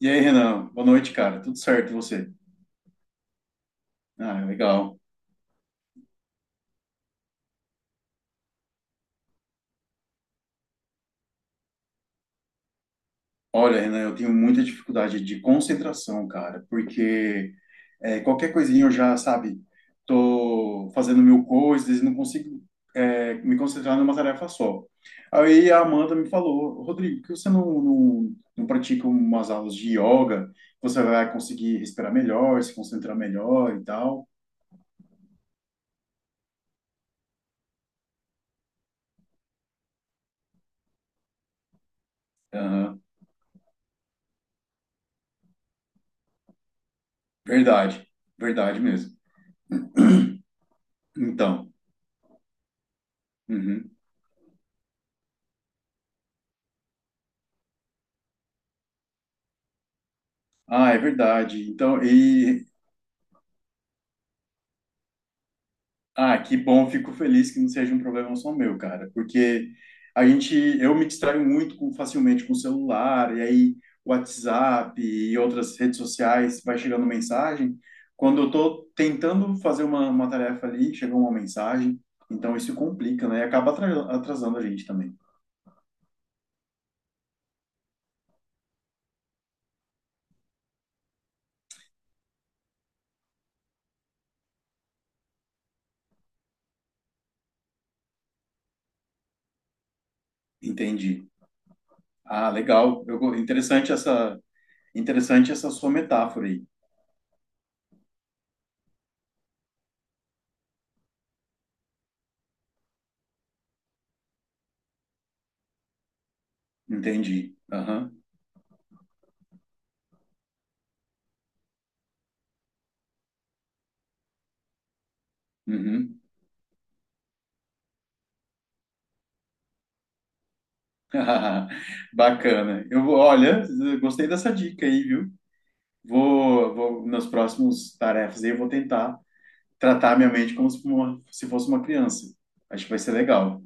E aí, Renan? Boa noite, cara. Tudo certo, e você? Ah, legal. Olha, Renan, eu tenho muita dificuldade de concentração, cara, porque qualquer coisinha eu já, sabe, tô fazendo mil coisas e não consigo me concentrar numa tarefa só. Aí a Amanda me falou, Rodrigo, por que você não pratica umas aulas de yoga? Você vai conseguir respirar melhor, se concentrar melhor e tal. Aham. Verdade, verdade mesmo. Então, uhum. Ah, é verdade. Então, ah, que bom, fico feliz que não seja um problema só meu, cara, porque a gente eu me distraio muito facilmente com o celular, e aí WhatsApp e outras redes sociais vai chegando mensagem. Quando eu tô tentando fazer uma tarefa ali, chega uma mensagem, então isso complica, né? E acaba atrasando a gente também. Entendi. Ah, legal. Eu, go- interessante essa sua metáfora aí. Entendi. Aham. Uhum. Bacana. Eu vou, olha, gostei dessa dica aí, viu? Vou nas próximas tarefas aí, eu vou tentar tratar minha mente como se fosse uma criança. Acho que vai ser legal.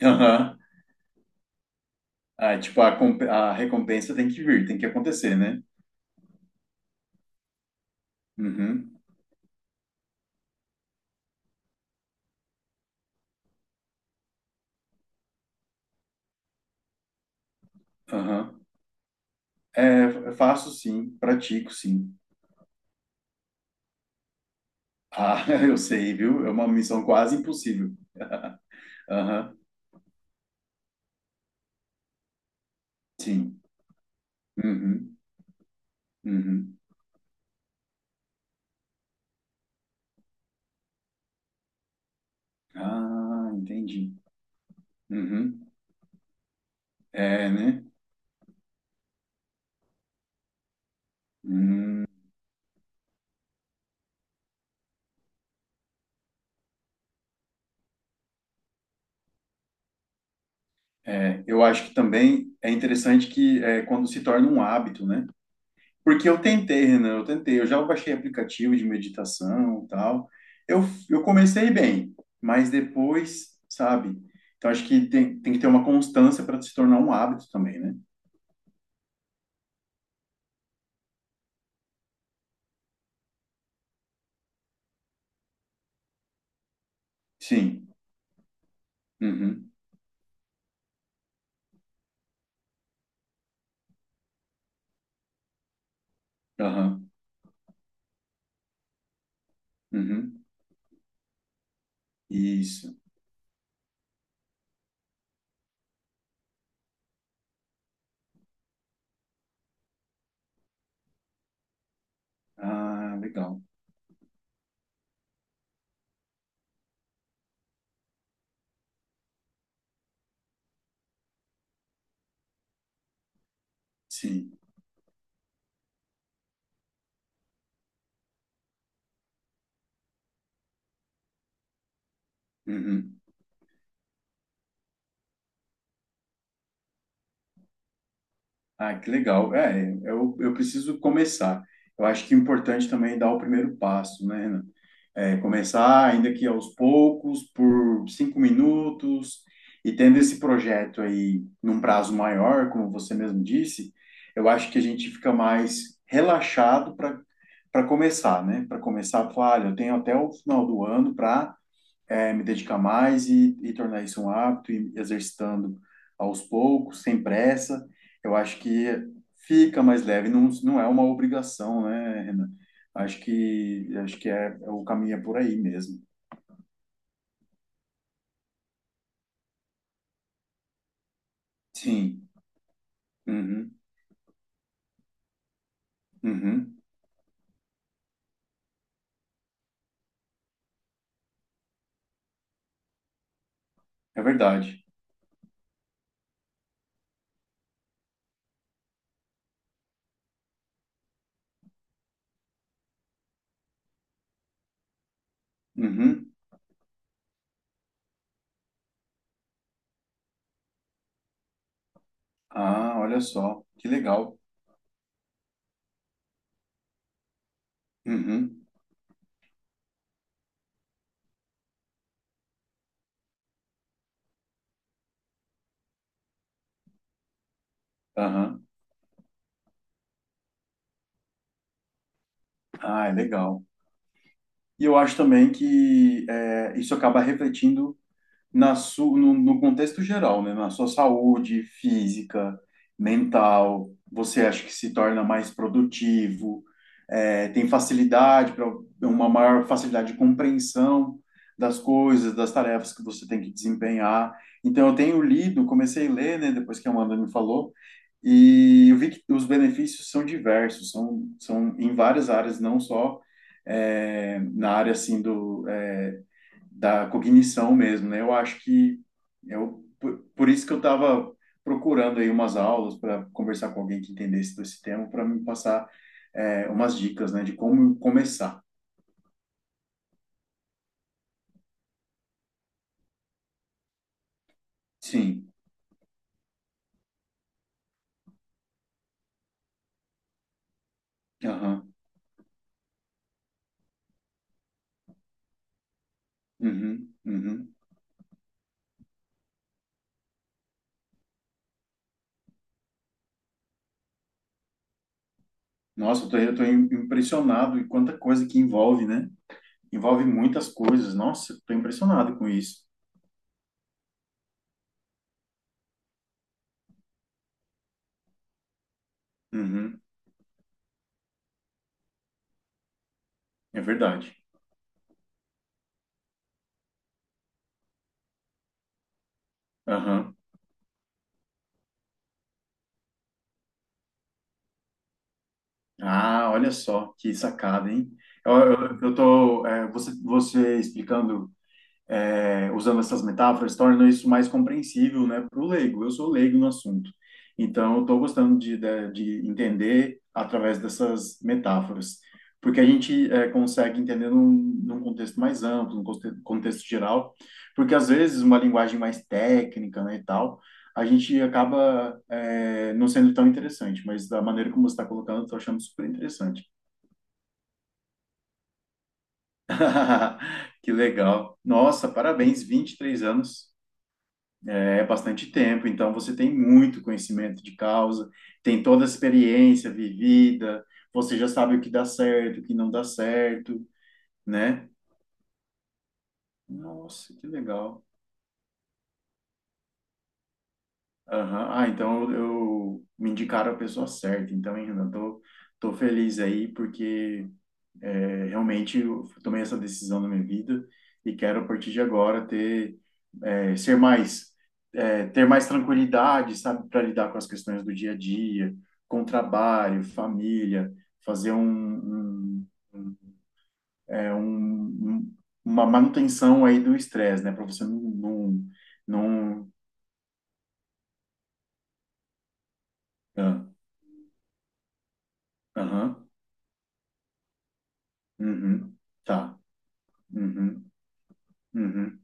Aham. Ah, tipo, a recompensa tem que vir, tem que acontecer, né? Uhum. Aham. É, eu faço sim, pratico sim. Ah, eu sei, viu? É uma missão quase impossível. Aham. Sim. Uhum. Uhum. Ah, entendi. Uhum. É, né? Hum. É, eu acho que também é interessante que é, quando se torna um hábito, né? Porque eu tentei, Renan, eu tentei, eu já baixei aplicativo de meditação e tal. Eu, eu comecei bem, mas depois, sabe? Então acho que tem que ter uma constância para se tornar um hábito também, né? Sim. Uhum. Aham. Uhum. Isso. Ah, legal. Sim. Uhum. Ah, que legal. É, eu preciso começar. Eu acho que é importante também dar o primeiro passo, né, Renan? É, começar, ainda que aos poucos, por 5 minutos, e tendo esse projeto aí num prazo maior, como você mesmo disse, eu acho que a gente fica mais relaxado para começar, né? Para começar, falar, "Olha, eu tenho até o final do ano para me dedicar mais e tornar isso um hábito, e exercitando aos poucos, sem pressa, eu acho que fica mais leve, não é uma obrigação, né, Renan? Acho que é o caminho é por aí mesmo. Sim, uhum, uhum, é verdade. Uhum. Ah, olha só, que legal. Uhum, aham. Ah, é legal. E eu acho também que é, isso acaba refletindo na su, no, no contexto geral, né? Na sua saúde física, mental, você acha que se torna mais produtivo, é, tem facilidade para uma maior facilidade de compreensão das coisas, das tarefas que você tem que desempenhar. Então, eu tenho lido, comecei a ler, né? Depois que a Amanda me falou, e eu vi que os benefícios são diversos, são em várias áreas, não só. Na área assim da cognição mesmo, né? Eu acho que por isso que eu estava procurando aí umas aulas para conversar com alguém que entendesse desse tema para me passar umas dicas, né, de como começar. Sim. Aham. Uhum. Uhum. Nossa, eu tô impressionado e quanta coisa que envolve, né? Envolve muitas coisas. Nossa, eu tô impressionado com isso. Uhum. É verdade. Aham. Ah, olha só que sacada, hein? Eu tô, você explicando usando essas metáforas, torna isso mais compreensível, né, para o leigo. Eu sou leigo no assunto, então eu estou gostando de entender através dessas metáforas, porque a gente consegue entender num, num contexto mais amplo, num conte- contexto geral, porque às vezes uma linguagem mais técnica, né, e tal, a gente acaba não sendo tão interessante, mas da maneira como você está colocando, eu estou achando super interessante. Que legal. Nossa, parabéns, 23 anos. É bastante tempo, então você tem muito conhecimento de causa, tem toda a experiência vivida, você já sabe o que dá certo, o que não dá certo, né? Nossa, que legal. Aham. Ah, então me indicaram a pessoa certa, então, hein, Renan, tô feliz aí, porque realmente, eu tomei essa decisão na minha vida e quero, a partir de agora, ter, é, ser mais, é, ter mais tranquilidade, sabe, para lidar com as questões do dia a dia, com trabalho, família, fazer um, é, um- um- uma manutenção aí do estresse, né, para você não, não, não, ah, aham, uhum, tá, uhum, uhum,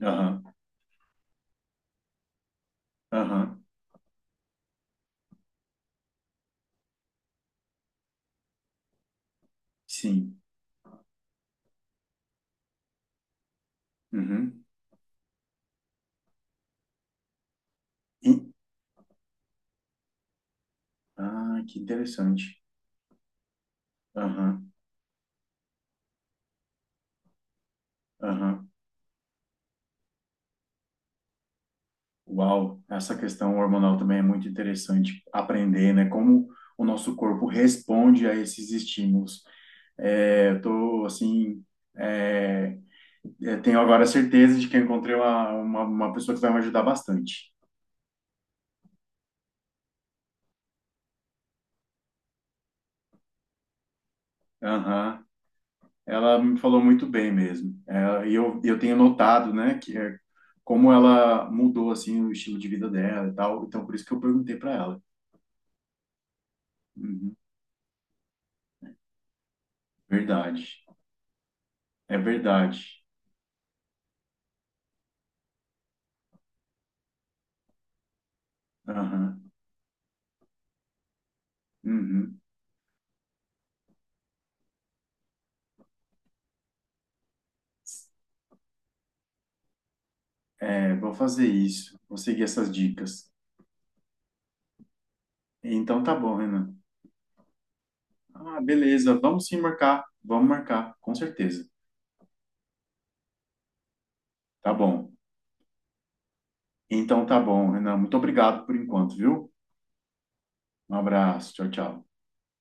aham, aham, sim, uhum. E- ah, que interessante. Aham, aham. Uau, essa questão hormonal também é muito interessante aprender, né? Como o nosso corpo responde a esses estímulos. É, eu tô, assim, é, eu tenho agora certeza de que eu encontrei uma pessoa que vai me ajudar bastante. Aham. Ela me falou muito bem mesmo. É, e eu tenho notado, né, que é, como ela mudou, assim, o estilo de vida dela e tal. Então, por isso que eu perguntei para ela. Uhum. Verdade, é verdade. Aham. Uhum. É, vou fazer isso. Vou seguir essas dicas. Então tá bom, Renan. Ah, beleza. Vamos sim marcar. Vamos marcar, com certeza. Tá bom. Então tá bom, Renan. Muito obrigado por enquanto, viu? Um abraço. Tchau, tchau.